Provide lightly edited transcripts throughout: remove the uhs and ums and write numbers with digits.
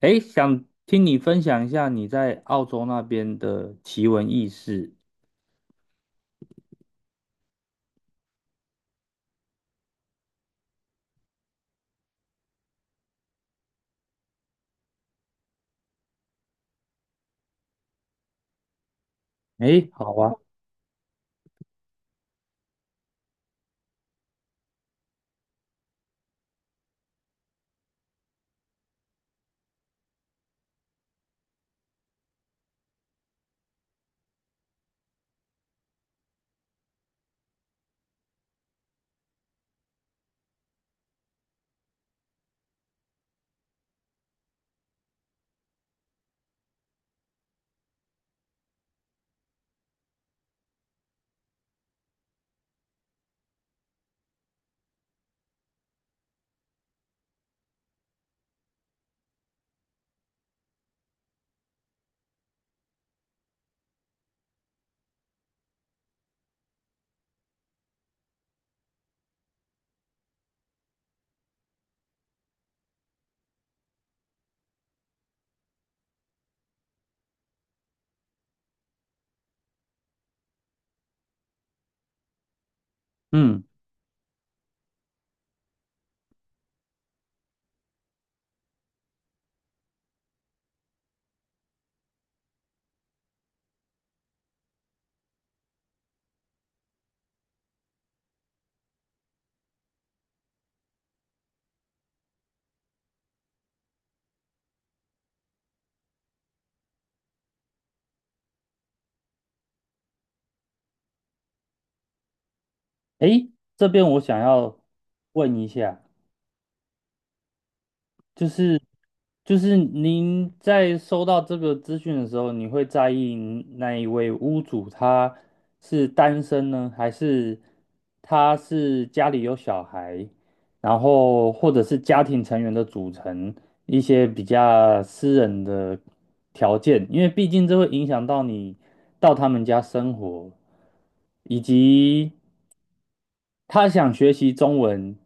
诶，想听你分享一下你在澳洲那边的奇闻异事。诶，好啊。嗯。诶，这边我想要问一下，就是就是您在收到这个资讯的时候，你会在意那一位屋主他是单身呢，还是他是家里有小孩，然后或者是家庭成员的组成一些比较私人的条件，因为毕竟这会影响到你到他们家生活，以及他想学习中文。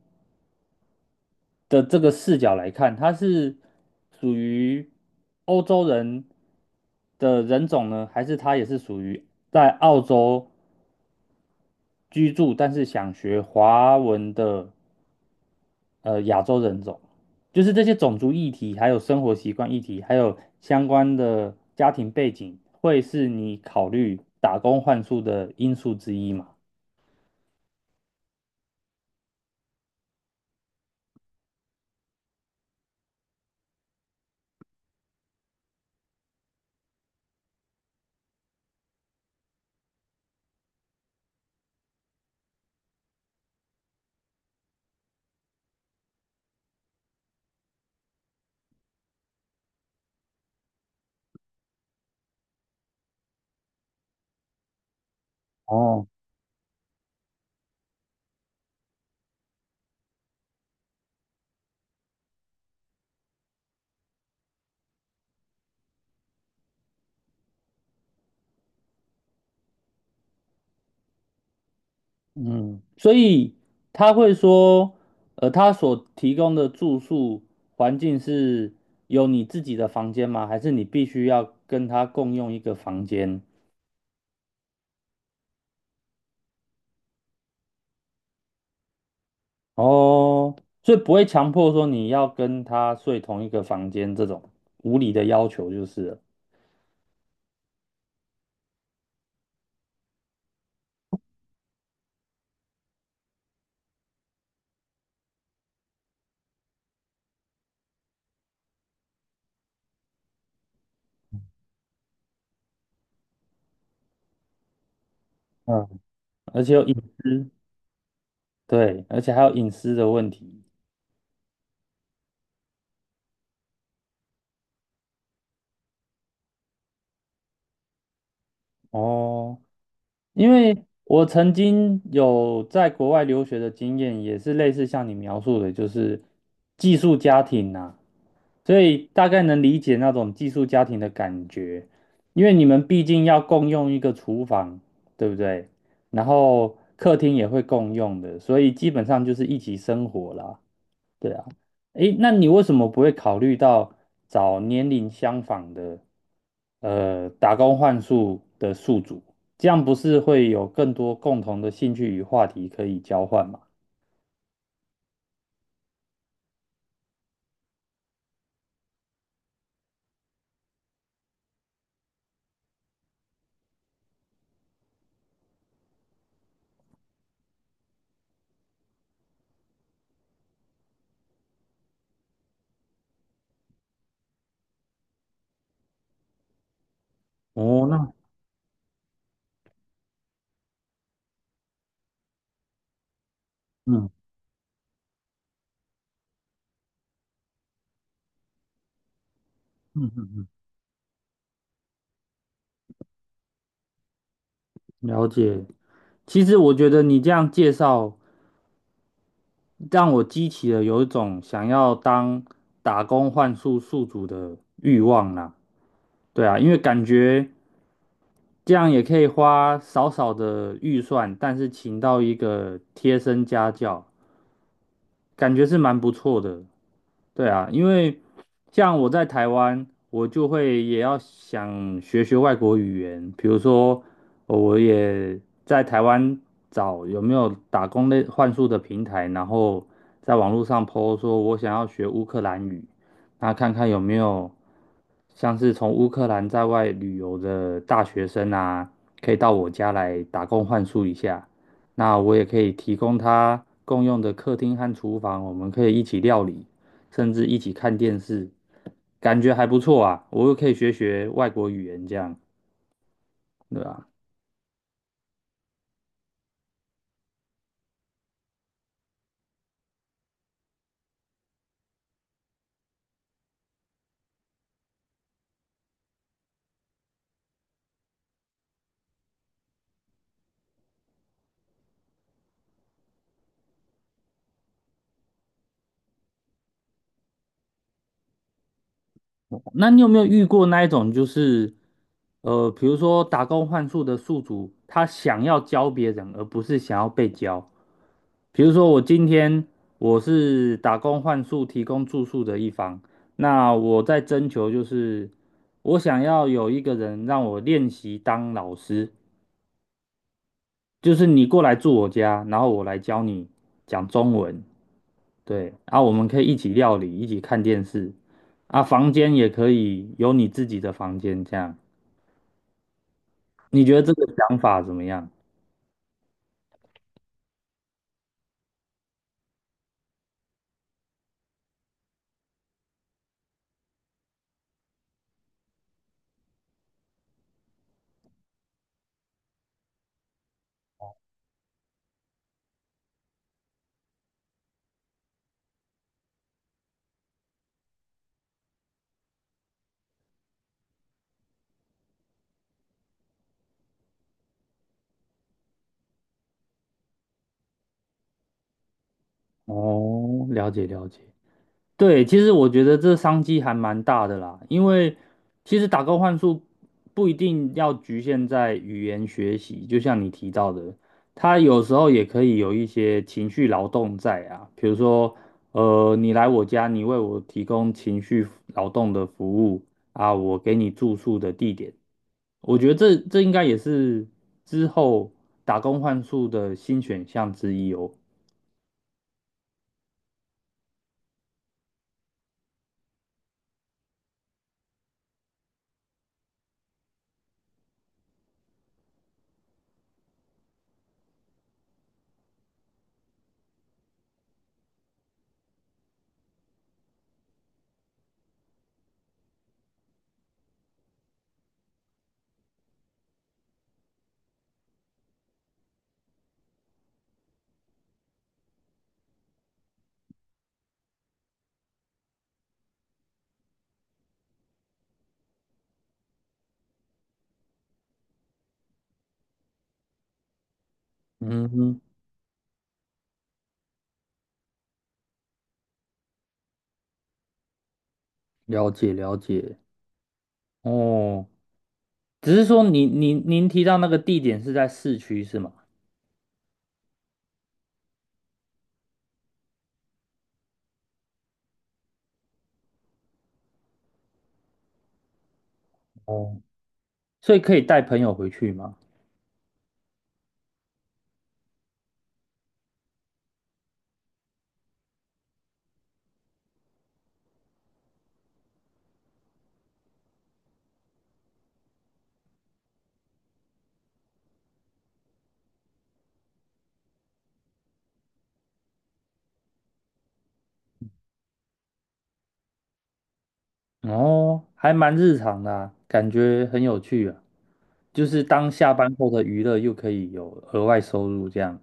的这个视角来看，它是属于欧洲人的人种呢，还是他也是属于在澳洲居住，但是想学华文的亚洲人种？就是这些种族议题，还有生活习惯议题，还有相关的家庭背景，会是你考虑打工换宿的因素之一嘛？哦。嗯，所以他会说，他所提供的住宿环境是有你自己的房间吗？还是你必须要跟他共用一个房间？哦，所以不会强迫说你要跟他睡同一个房间这种无理的要求就是了。嗯，而且有隐私。对，而且还有隐私的问题。哦，因为我曾经有在国外留学的经验，也是类似像你描述的，就是寄宿家庭呐、所以大概能理解那种寄宿家庭的感觉，因为你们毕竟要共用一个厨房，对不对？然后客厅也会共用的，所以基本上就是一起生活啦。对啊，诶，那你为什么不会考虑到找年龄相仿的，打工换宿的宿主？这样不是会有更多共同的兴趣与话题可以交换吗？哦，那嗯嗯，了解。其实我觉得你这样介绍，让我激起了有一种想要当打工换宿宿主的欲望啦。对啊，因为感觉。这样也可以花少少的预算，但是请到一个贴身家教，感觉是蛮不错的。对啊，因为像我在台湾，我就会也要想学学外国语言，比如说我也在台湾找有没有打工类换宿的平台，然后在网络上 po 说我想要学乌克兰语，那看看有没有像是从乌克兰在外旅游的大学生啊，可以到我家来打工换宿一下，那我也可以提供他共用的客厅和厨房，我们可以一起料理。甚至一起看电视，感觉还不错啊。我又可以学学外国语言，这样，对吧？那你有没有遇过那一种，就是比如说打工换宿的宿主，他想要教别人，而不是想要被教？比如说我今天我是打工换宿提供住宿的一方，那我在征求就是我想要有一个人让我练习当老师，就是你过来住我家，然后我来教你讲中文。对，啊，我们可以一起料理，一起看电视，啊，房间也可以有你自己的房间，这样，你觉得这个想法怎么样？哦，了解了解。对，其实我觉得这商机还蛮大的啦，因为其实打工换宿不一定要局限在语言学习，就像你提到的，它有时候也可以有一些情绪劳动在啊，比如说，你来我家，你为我提供情绪劳动的服务啊，我给你住宿的地点，我觉得这这应该也是之后打工换宿的新选项之一哦。嗯哼，了解了解，哦。只是说您您您提到那个地点是在市区是吗？哦，所以可以带朋友回去吗？哦，还蛮日常的啊，感觉很有趣啊，就是当下班后的娱乐又可以有额外收入，这样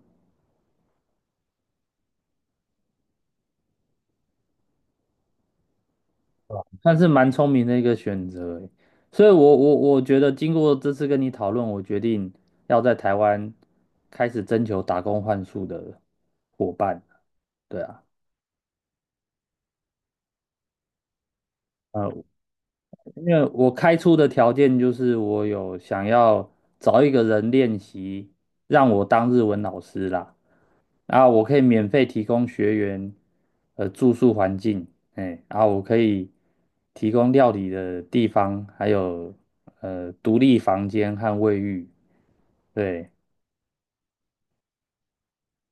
算是蛮聪明的一个选择欸。所以我，我觉得经过这次跟你讨论，我决定要在台湾开始征求打工换宿的伙伴。对啊，呃，因为我开出的条件就是我有想要找一个人练习，让我当日文老师啦，然后我可以免费提供学员住宿环境，哎，然后我可以提供料理的地方，还有独立房间和卫浴，对，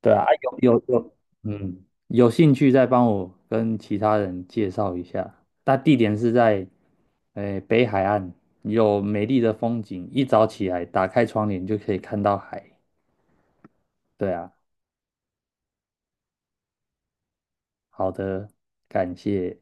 对啊，啊有有有，嗯，有兴趣再帮我跟其他人介绍一下。那地点是在，诶，北海岸，有美丽的风景，一早起来打开窗帘就可以看到海。对啊，好的，感谢。